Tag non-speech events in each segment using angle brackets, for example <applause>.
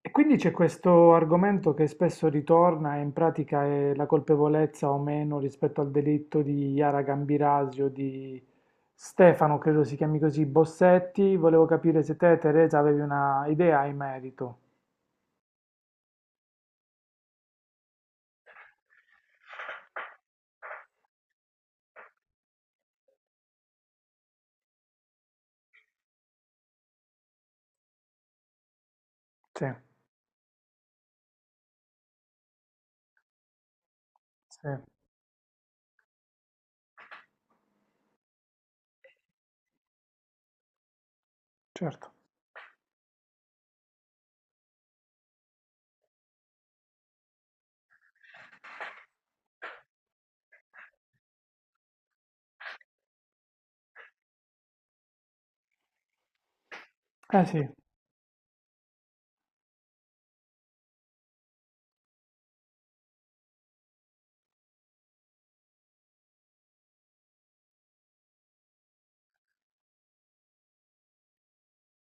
E quindi c'è questo argomento che spesso ritorna e in pratica è la colpevolezza o meno rispetto al delitto di Yara Gambirasio, di Stefano, credo si chiami così, Bossetti. Volevo capire se te, Teresa, avevi una idea in merito. Sì, sì, certo. Eh sì,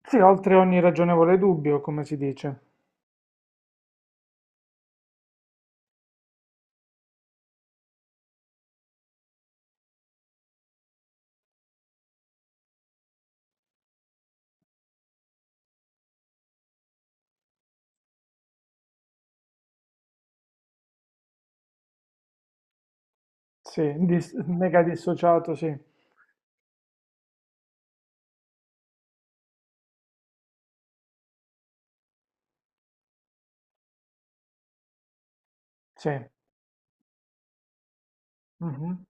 sì, oltre ogni ragionevole dubbio, come si dice. Sì, mega dissociato, sì. Sì, mhm,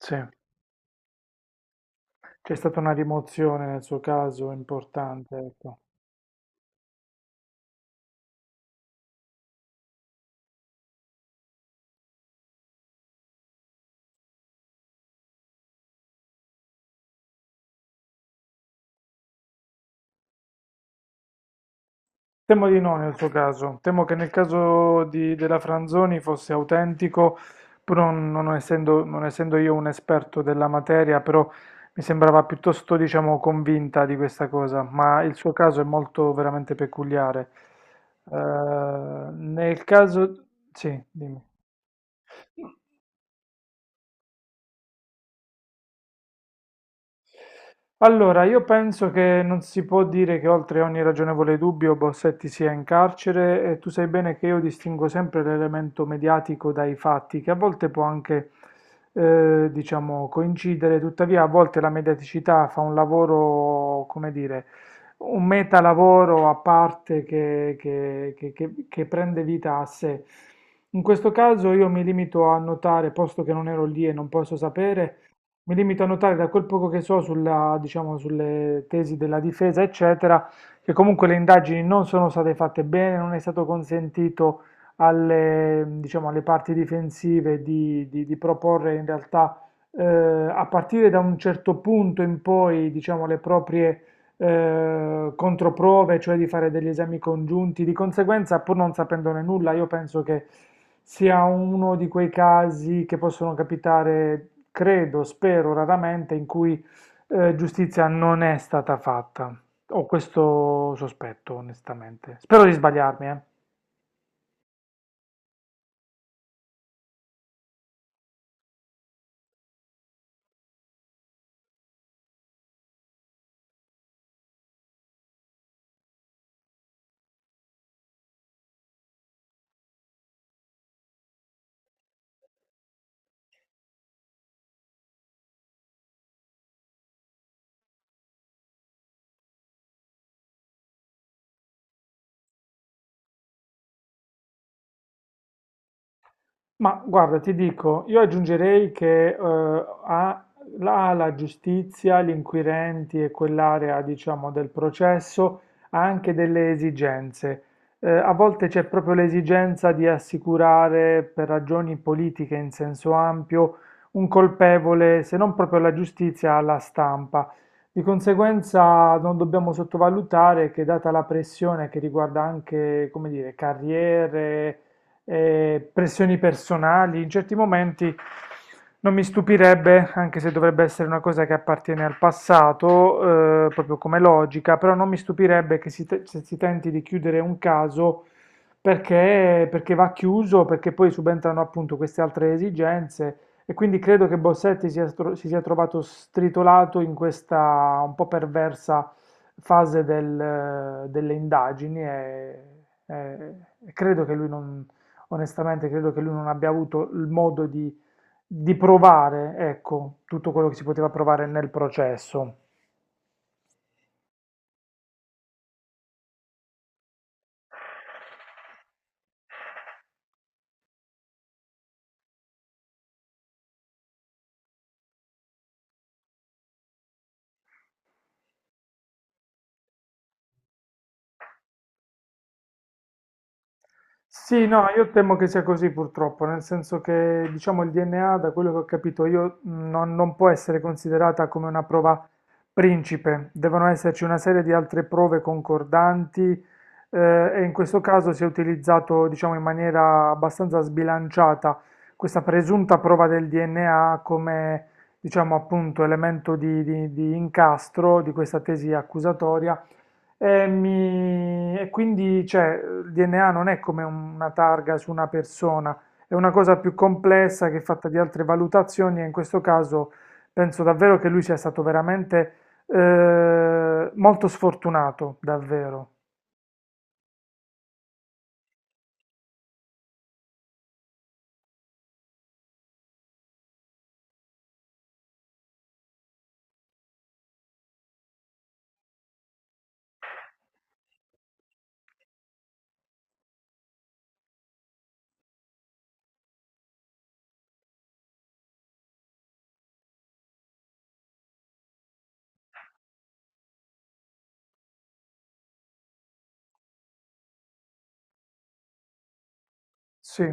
sì. C'è stata una rimozione nel suo caso importante, ecco. Temo di no nel suo caso, temo che nel caso della Franzoni fosse autentico, però non essendo io un esperto della materia, però mi sembrava piuttosto, diciamo, convinta di questa cosa, ma il suo caso è molto veramente peculiare. Eh, Nel caso... Sì, dimmi. Allora, io penso che non si può dire che oltre ogni ragionevole dubbio Bossetti sia in carcere, e tu sai bene che io distingo sempre l'elemento mediatico dai fatti, che a volte può anche, diciamo, coincidere; tuttavia a volte la mediaticità fa un lavoro, come dire, un metalavoro a parte che prende vita a sé. In questo caso io mi limito a notare, posto che non ero lì e non posso sapere, mi limito a notare da quel poco che so sulla, diciamo, sulle tesi della difesa, eccetera, che comunque le indagini non sono state fatte bene, non è stato consentito alle, diciamo, alle parti difensive di proporre in realtà a partire da un certo punto in poi, diciamo, le proprie controprove, cioè di fare degli esami congiunti. Di conseguenza, pur non sapendone nulla, io penso che sia uno di quei casi che possono capitare, credo, spero, raramente, in cui giustizia non è stata fatta. Ho questo sospetto, onestamente. Spero di sbagliarmi, eh. Ma guarda, ti dico, io aggiungerei che ha la, la giustizia, gli inquirenti e quell'area, diciamo, del processo ha anche delle esigenze. A volte c'è proprio l'esigenza di assicurare, per ragioni politiche in senso ampio, un colpevole, se non proprio alla giustizia, alla stampa. Di conseguenza non dobbiamo sottovalutare che, data la pressione che riguarda anche, come dire, carriere, pressioni personali, in certi momenti non mi stupirebbe, anche se dovrebbe essere una cosa che appartiene al passato, proprio come logica, però non mi stupirebbe che se si tenti di chiudere un caso perché, perché va chiuso, perché poi subentrano appunto queste altre esigenze. E quindi credo che si sia trovato stritolato in questa un po' perversa fase del, delle indagini e- e credo che lui non, onestamente credo che lui non abbia avuto il modo di provare, ecco, tutto quello che si poteva provare nel processo. Sì, no, io temo che sia così purtroppo, nel senso che diciamo il DNA, da quello che ho capito io, non può essere considerata come una prova principe, devono esserci una serie di altre prove concordanti, e in questo caso si è utilizzato, diciamo, in maniera abbastanza sbilanciata questa presunta prova del DNA come, diciamo, appunto elemento di incastro di questa tesi accusatoria e quindi, cioè, il DNA non è come una targa su una persona, è una cosa più complessa che è fatta di altre valutazioni, e in questo caso penso davvero che lui sia stato veramente molto sfortunato, davvero. Sì.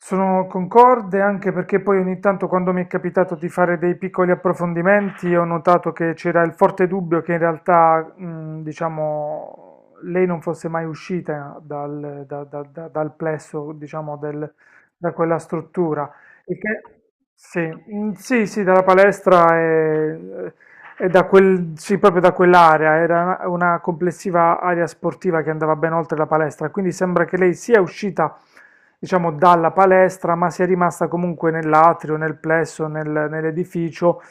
Sono concorde anche perché poi ogni tanto quando mi è capitato di fare dei piccoli approfondimenti ho notato che c'era il forte dubbio che in realtà, diciamo, lei non fosse mai uscita dal plesso, diciamo, da quella struttura. Il che- sì, mm, sì, sì, dalla palestra e da quel, sì, proprio da quell'area, era una complessiva area sportiva che andava ben oltre la palestra, quindi sembra che lei sia uscita, diciamo, dalla palestra, ma sia rimasta comunque nell'atrio, nel plesso, nell'edificio.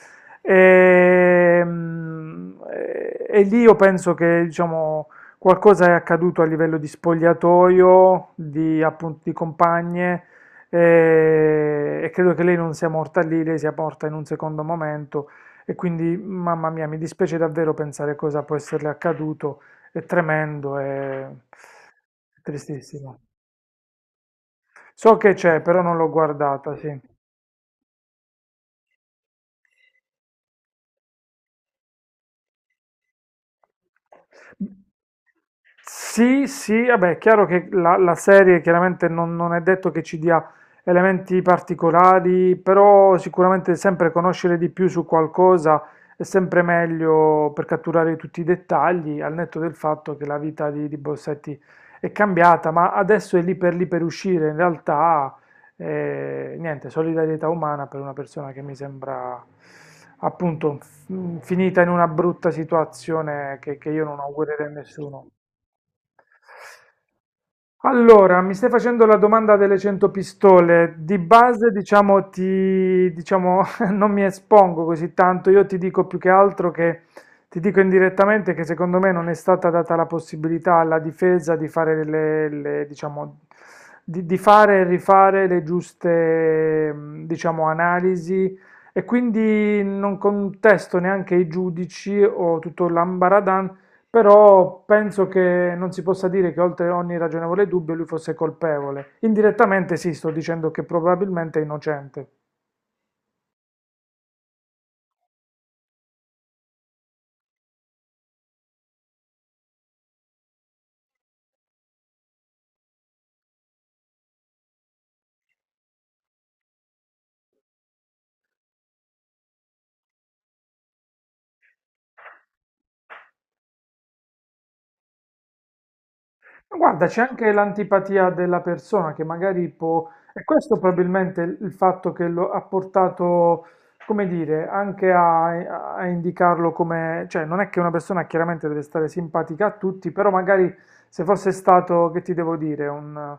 E, mm, e lì io penso che, diciamo, qualcosa è accaduto a livello di spogliatoio, di, appunto, di compagne, e credo che lei non sia morta lì, lei sia morta in un secondo momento. E quindi, mamma mia, mi dispiace davvero pensare cosa può esserle accaduto. È tremendo, è tristissimo. So che c'è, però non l'ho guardata, sì. Sì, sì, vabbè, è chiaro che la serie chiaramente non è detto che ci dia elementi particolari, però sicuramente sempre conoscere di più su qualcosa è sempre meglio per catturare tutti i dettagli, al netto del fatto che la vita di Bossetti è cambiata, ma adesso è lì per uscire, in realtà, e, niente, solidarietà umana per una persona che mi sembra appunto finita in una brutta situazione che io non augurerei a nessuno. Allora, mi stai facendo la domanda delle 100 pistole. Di base, diciamo, ti, diciamo, <laughs> non mi espongo così tanto. Io ti dico più che altro che ti dico indirettamente che secondo me non è stata data la possibilità alla difesa di fare diciamo, di fare e rifare le giuste, mm, diciamo, analisi. E quindi non contesto neanche i giudici o tutto l'ambaradàn, però penso che non si possa dire che oltre ogni ragionevole dubbio lui fosse colpevole. Indirettamente sì, sto dicendo che probabilmente è innocente. Ma guarda, c'è anche l'antipatia della persona che magari può, e questo probabilmente il fatto che lo ha portato, come dire, anche a indicarlo come, cioè non è che una persona chiaramente deve stare simpatica a tutti, però magari se fosse stato, che ti devo dire,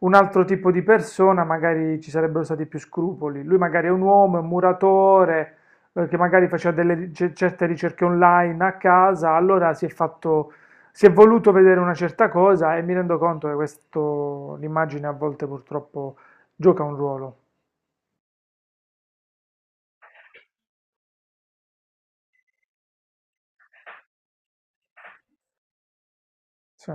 un altro tipo di persona, magari ci sarebbero stati più scrupoli. Lui magari è un uomo, è un muratore, che magari faceva delle certe ricerche online a casa, allora si è voluto vedere una certa cosa e mi rendo conto che questo, l'immagine a volte purtroppo gioca un ruolo. Sì.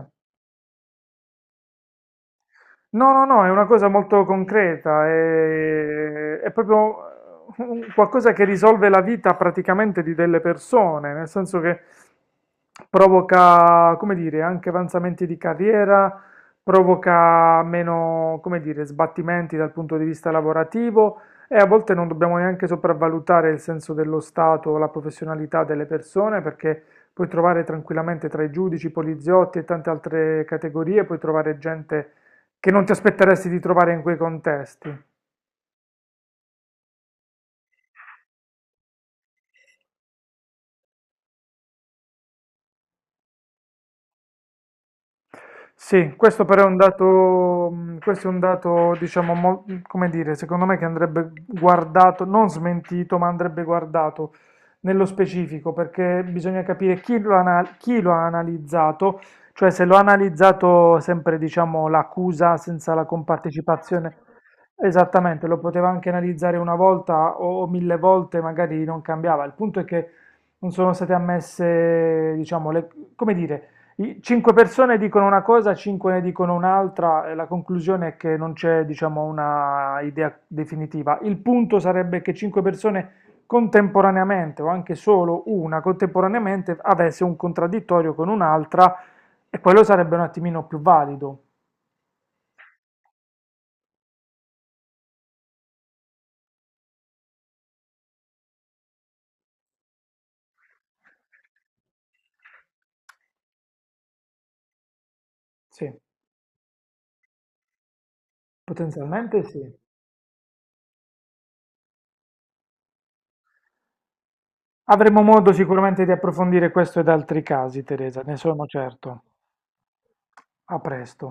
No, no, no, è una cosa molto concreta, è proprio qualcosa che risolve la vita praticamente di delle persone, nel senso che provoca, come dire, anche avanzamenti di carriera, provoca meno, come dire, sbattimenti dal punto di vista lavorativo, e a volte non dobbiamo neanche sopravvalutare il senso dello Stato o la professionalità delle persone perché puoi trovare tranquillamente tra i giudici, i poliziotti e tante altre categorie, puoi trovare gente che non ti aspetteresti di trovare in quei contesti. Sì, questo però è un dato, questo è un dato, diciamo, come dire, secondo me, che andrebbe guardato, non smentito, ma andrebbe guardato nello specifico, perché bisogna capire chi lo ha analizzato, cioè se lo ha analizzato sempre, diciamo, l'accusa senza la compartecipazione. Esattamente, lo poteva anche analizzare una volta o 1000 volte, magari non cambiava. Il punto è che non sono state ammesse, diciamo, come dire, 5 persone dicono una cosa, 5 ne dicono un'altra, e la conclusione è che non c'è, diciamo, una idea definitiva. Il punto sarebbe che 5 persone contemporaneamente, o anche solo una contemporaneamente, avesse un contraddittorio con un'altra, e quello sarebbe un attimino più valido. Sì, potenzialmente sì. Avremo modo sicuramente di approfondire questo ed altri casi, Teresa, ne sono certo. A presto.